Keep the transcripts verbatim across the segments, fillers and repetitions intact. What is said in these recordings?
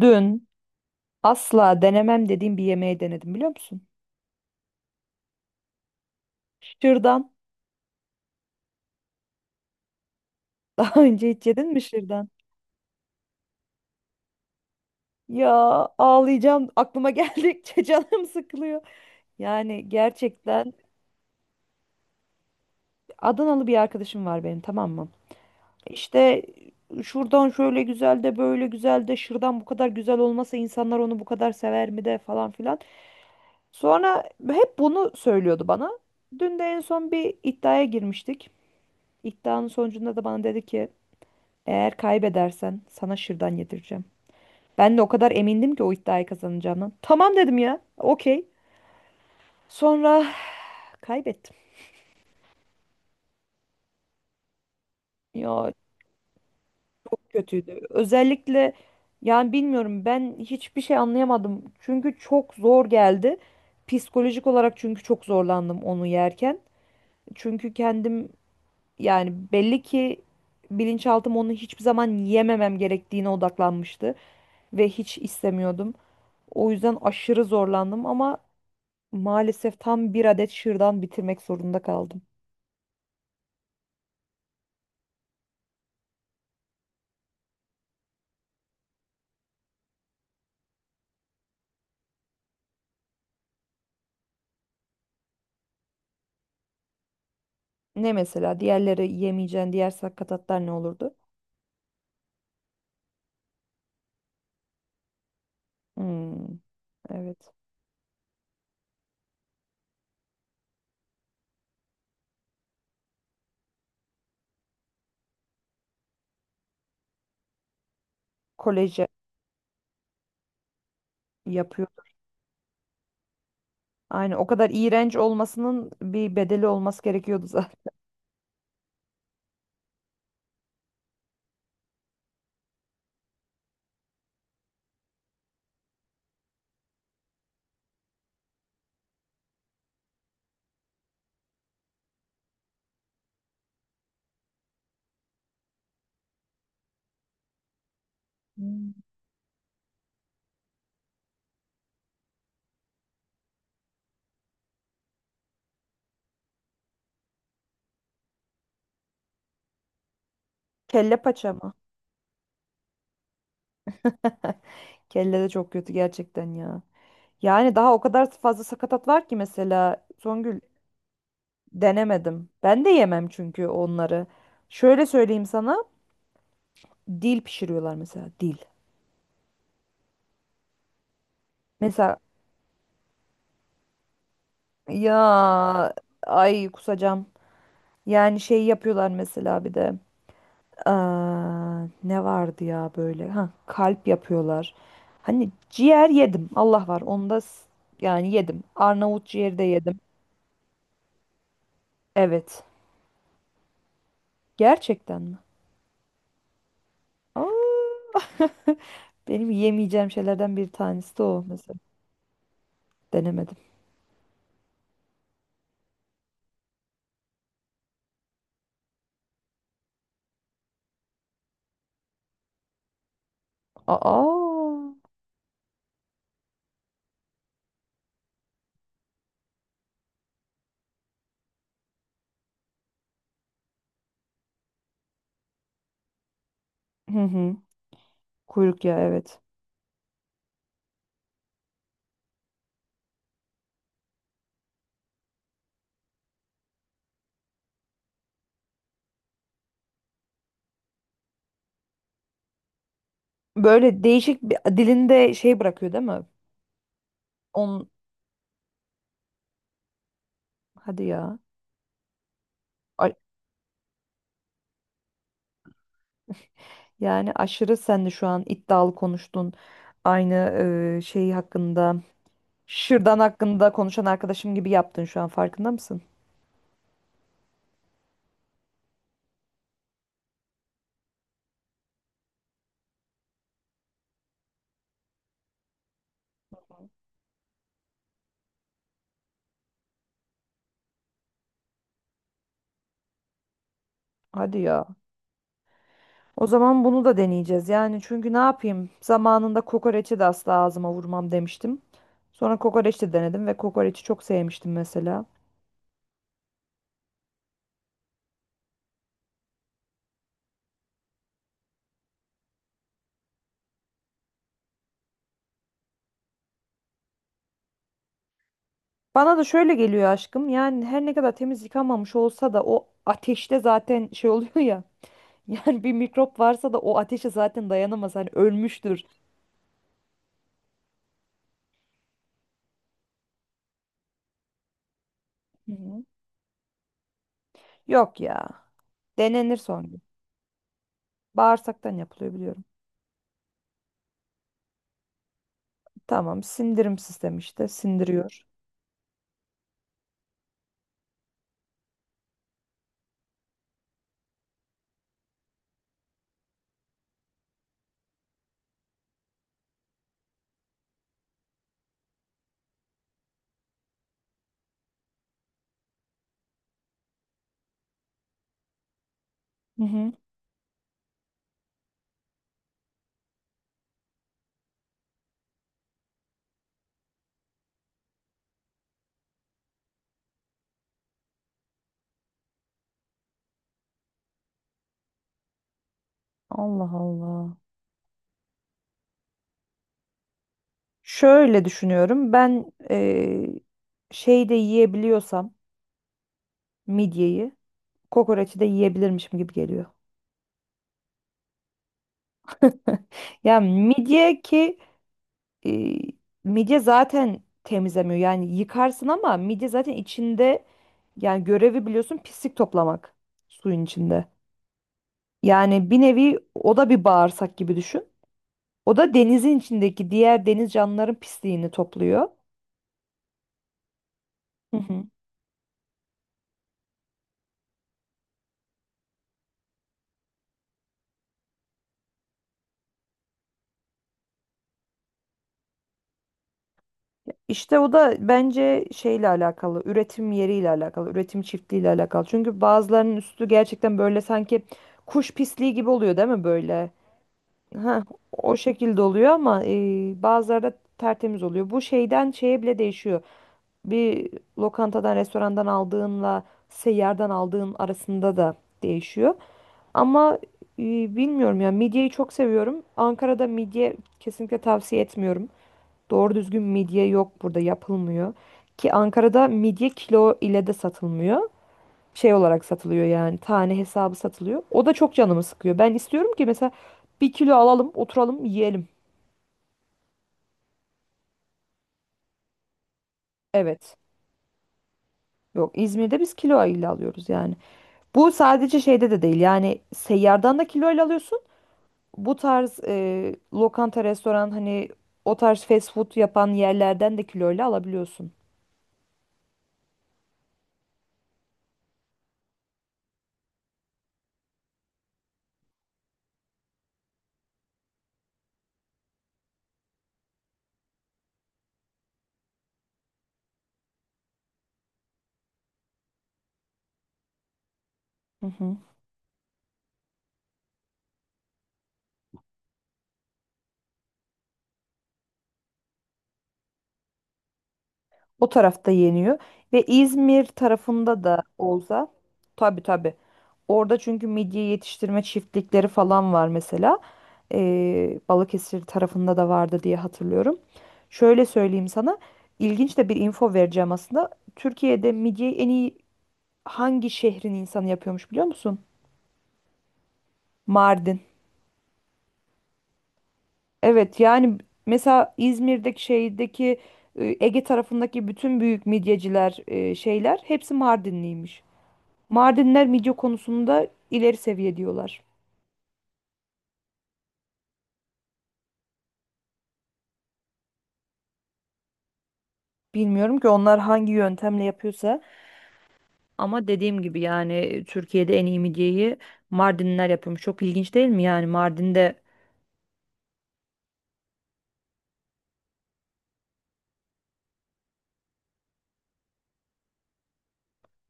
Dün asla denemem dediğim bir yemeği denedim biliyor musun? Şırdan. Daha önce hiç yedin mi şırdan? Ya, ağlayacağım. Aklıma geldikçe canım sıkılıyor. Yani gerçekten, Adanalı bir arkadaşım var benim, tamam mı? İşte, şuradan şöyle güzel de böyle güzel de şırdan bu kadar güzel olmasa insanlar onu bu kadar sever mi de falan filan. Sonra hep bunu söylüyordu bana. Dün de en son bir iddiaya girmiştik. İddianın sonucunda da bana dedi ki: Eğer kaybedersen sana şırdan yedireceğim. Ben de o kadar emindim ki o iddiayı kazanacağımdan. Tamam dedim ya. Okey. Sonra kaybettim. Ya, çok kötüydü. Özellikle, yani bilmiyorum, ben hiçbir şey anlayamadım. Çünkü çok zor geldi. Psikolojik olarak çünkü çok zorlandım onu yerken. Çünkü kendim, yani belli ki bilinçaltım onu hiçbir zaman yememem gerektiğine odaklanmıştı ve hiç istemiyordum. O yüzden aşırı zorlandım ama maalesef tam bir adet şırdan bitirmek zorunda kaldım. Ne mesela? Diğerleri, yemeyeceğin diğer sakatatlar ne olurdu? Hmm, evet. Koleje yapıyordu. Aynen. O kadar iğrenç olmasının bir bedeli olması gerekiyordu zaten. Hmm. Kelle paça mı? Kelle de çok kötü gerçekten ya. Yani daha o kadar fazla sakatat var ki mesela Songül, denemedim. Ben de yemem çünkü onları. Şöyle söyleyeyim sana. Dil pişiriyorlar mesela, dil. Mesela. Ya, ay kusacağım. Yani şey yapıyorlar mesela bir de. Aa, ne vardı ya böyle? Ha, kalp yapıyorlar. Hani ciğer yedim. Allah var. Onda s- yani yedim. Arnavut ciğeri de yedim. Evet. Gerçekten mi? Aa, benim yemeyeceğim şeylerden bir tanesi de o mesela. Denemedim. Aa. Hı hı. Kuyruk, ya evet. Böyle değişik bir dilinde şey bırakıyor değil mi? On Hadi ya. Yani aşırı sen de şu an iddialı konuştun. Aynı e, şey hakkında, şırdan hakkında konuşan arkadaşım gibi yaptın şu an, farkında mısın? Hadi ya. O zaman bunu da deneyeceğiz. Yani çünkü ne yapayım? Zamanında kokoreçi de asla ağzıma vurmam demiştim. Sonra kokoreç de denedim ve kokoreçi çok sevmiştim mesela. Bana da şöyle geliyor aşkım. Yani her ne kadar temiz yıkanmamış olsa da o ateşte zaten şey oluyor ya. Yani bir mikrop varsa da o ateşe zaten dayanamaz. Hani ölmüştür. Hı hı. Yok ya. Denenir son gün. Bağırsaktan yapılıyor, biliyorum. Tamam, sindirim sistemi işte, sindiriyor. Hı hı. Allah Allah. Şöyle düşünüyorum. Ben eee şey yiyebiliyorsam, midyeyi, kokoreçi de yiyebilirmişim gibi geliyor. Ya midye ki eee, midye zaten temizlemiyor. Yani yıkarsın ama midye zaten içinde, yani görevi biliyorsun, pislik toplamak suyun içinde. Yani bir nevi o da bir bağırsak gibi düşün. O da denizin içindeki diğer deniz canlıların pisliğini topluyor. Hı hı. İşte o da bence şeyle alakalı, üretim yeriyle alakalı, üretim çiftliğiyle alakalı. Çünkü bazılarının üstü gerçekten böyle sanki kuş pisliği gibi oluyor değil mi böyle? Ha, o şekilde oluyor ama e, bazıları da tertemiz oluyor. Bu şeyden şeye bile değişiyor. Bir lokantadan, restorandan aldığınla seyyardan aldığın arasında da değişiyor. Ama e, bilmiyorum ya, midyeyi çok seviyorum. Ankara'da midye kesinlikle tavsiye etmiyorum. Doğru düzgün midye yok, burada yapılmıyor. Ki Ankara'da midye kilo ile de satılmıyor. Şey olarak satılıyor, yani tane hesabı satılıyor. O da çok canımı sıkıyor. Ben istiyorum ki mesela bir kilo alalım, oturalım, yiyelim. Evet. Yok, İzmir'de biz kilo ile alıyoruz yani. Bu sadece şeyde de değil, yani seyyardan da kilo ile alıyorsun. Bu tarz e, lokanta, restoran, hani o tarz fast food yapan yerlerden de kiloyla alabiliyorsun. Hı hı. O tarafta yeniyor. Ve İzmir tarafında da olsa, tabii tabii. Orada çünkü midye yetiştirme çiftlikleri falan var mesela. Ee, Balıkesir tarafında da vardı diye hatırlıyorum. Şöyle söyleyeyim sana. İlginç de bir info vereceğim aslında. Türkiye'de midyeyi en iyi hangi şehrin insanı yapıyormuş biliyor musun? Mardin. Evet yani mesela İzmir'deki şeydeki, e, Ege tarafındaki bütün büyük midyeciler, e, şeyler, hepsi Mardinliymiş. Mardinler midye konusunda ileri seviye diyorlar. Bilmiyorum ki onlar hangi yöntemle yapıyorsa, ama dediğim gibi yani Türkiye'de en iyi midyeyi Mardinler yapıyormuş. Çok ilginç değil mi yani Mardin'de.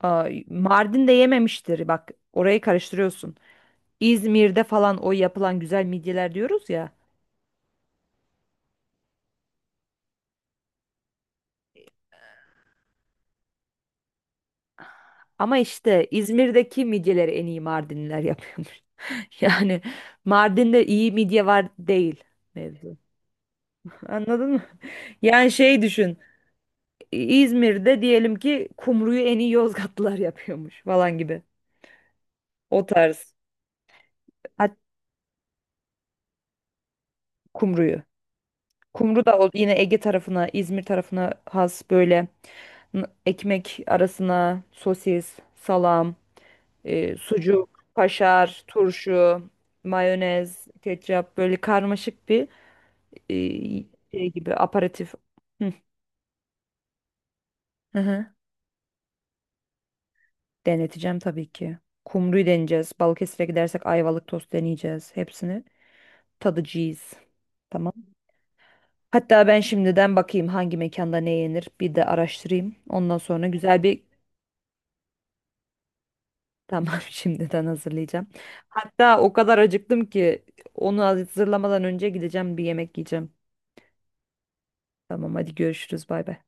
Aa, Mardin'de yememiştir, bak, orayı karıştırıyorsun. İzmir'de falan o yapılan güzel midyeler diyoruz ya. Ama işte İzmir'deki midyeleri en iyi Mardinliler yapıyormuş. Yani Mardin'de iyi midye var değil mevzu. Anladın mı? Yani şey düşün. İzmir'de diyelim ki kumruyu en iyi Yozgatlılar yapıyormuş falan gibi. O tarz. Hat Kumruyu. Kumru da o yine Ege tarafına, İzmir tarafına has, böyle n- ekmek arasına sosis, salam, E, sucuk, kaşar, turşu, mayonez, ketçap, böyle karmaşık bir e, şey gibi aperatif. Hı, hı hı. Deneteceğim tabii ki. Kumru'yu deneyeceğiz. Balıkesir'e gidersek Ayvalık tost deneyeceğiz. Hepsini tadacağız. Tamam. Hatta ben şimdiden bakayım hangi mekanda ne yenir, bir de araştırayım. Ondan sonra güzel bir tamam, şimdiden hazırlayacağım. Hatta o kadar acıktım ki onu hazırlamadan önce gideceğim, bir yemek yiyeceğim. Tamam, hadi görüşürüz, bay bay.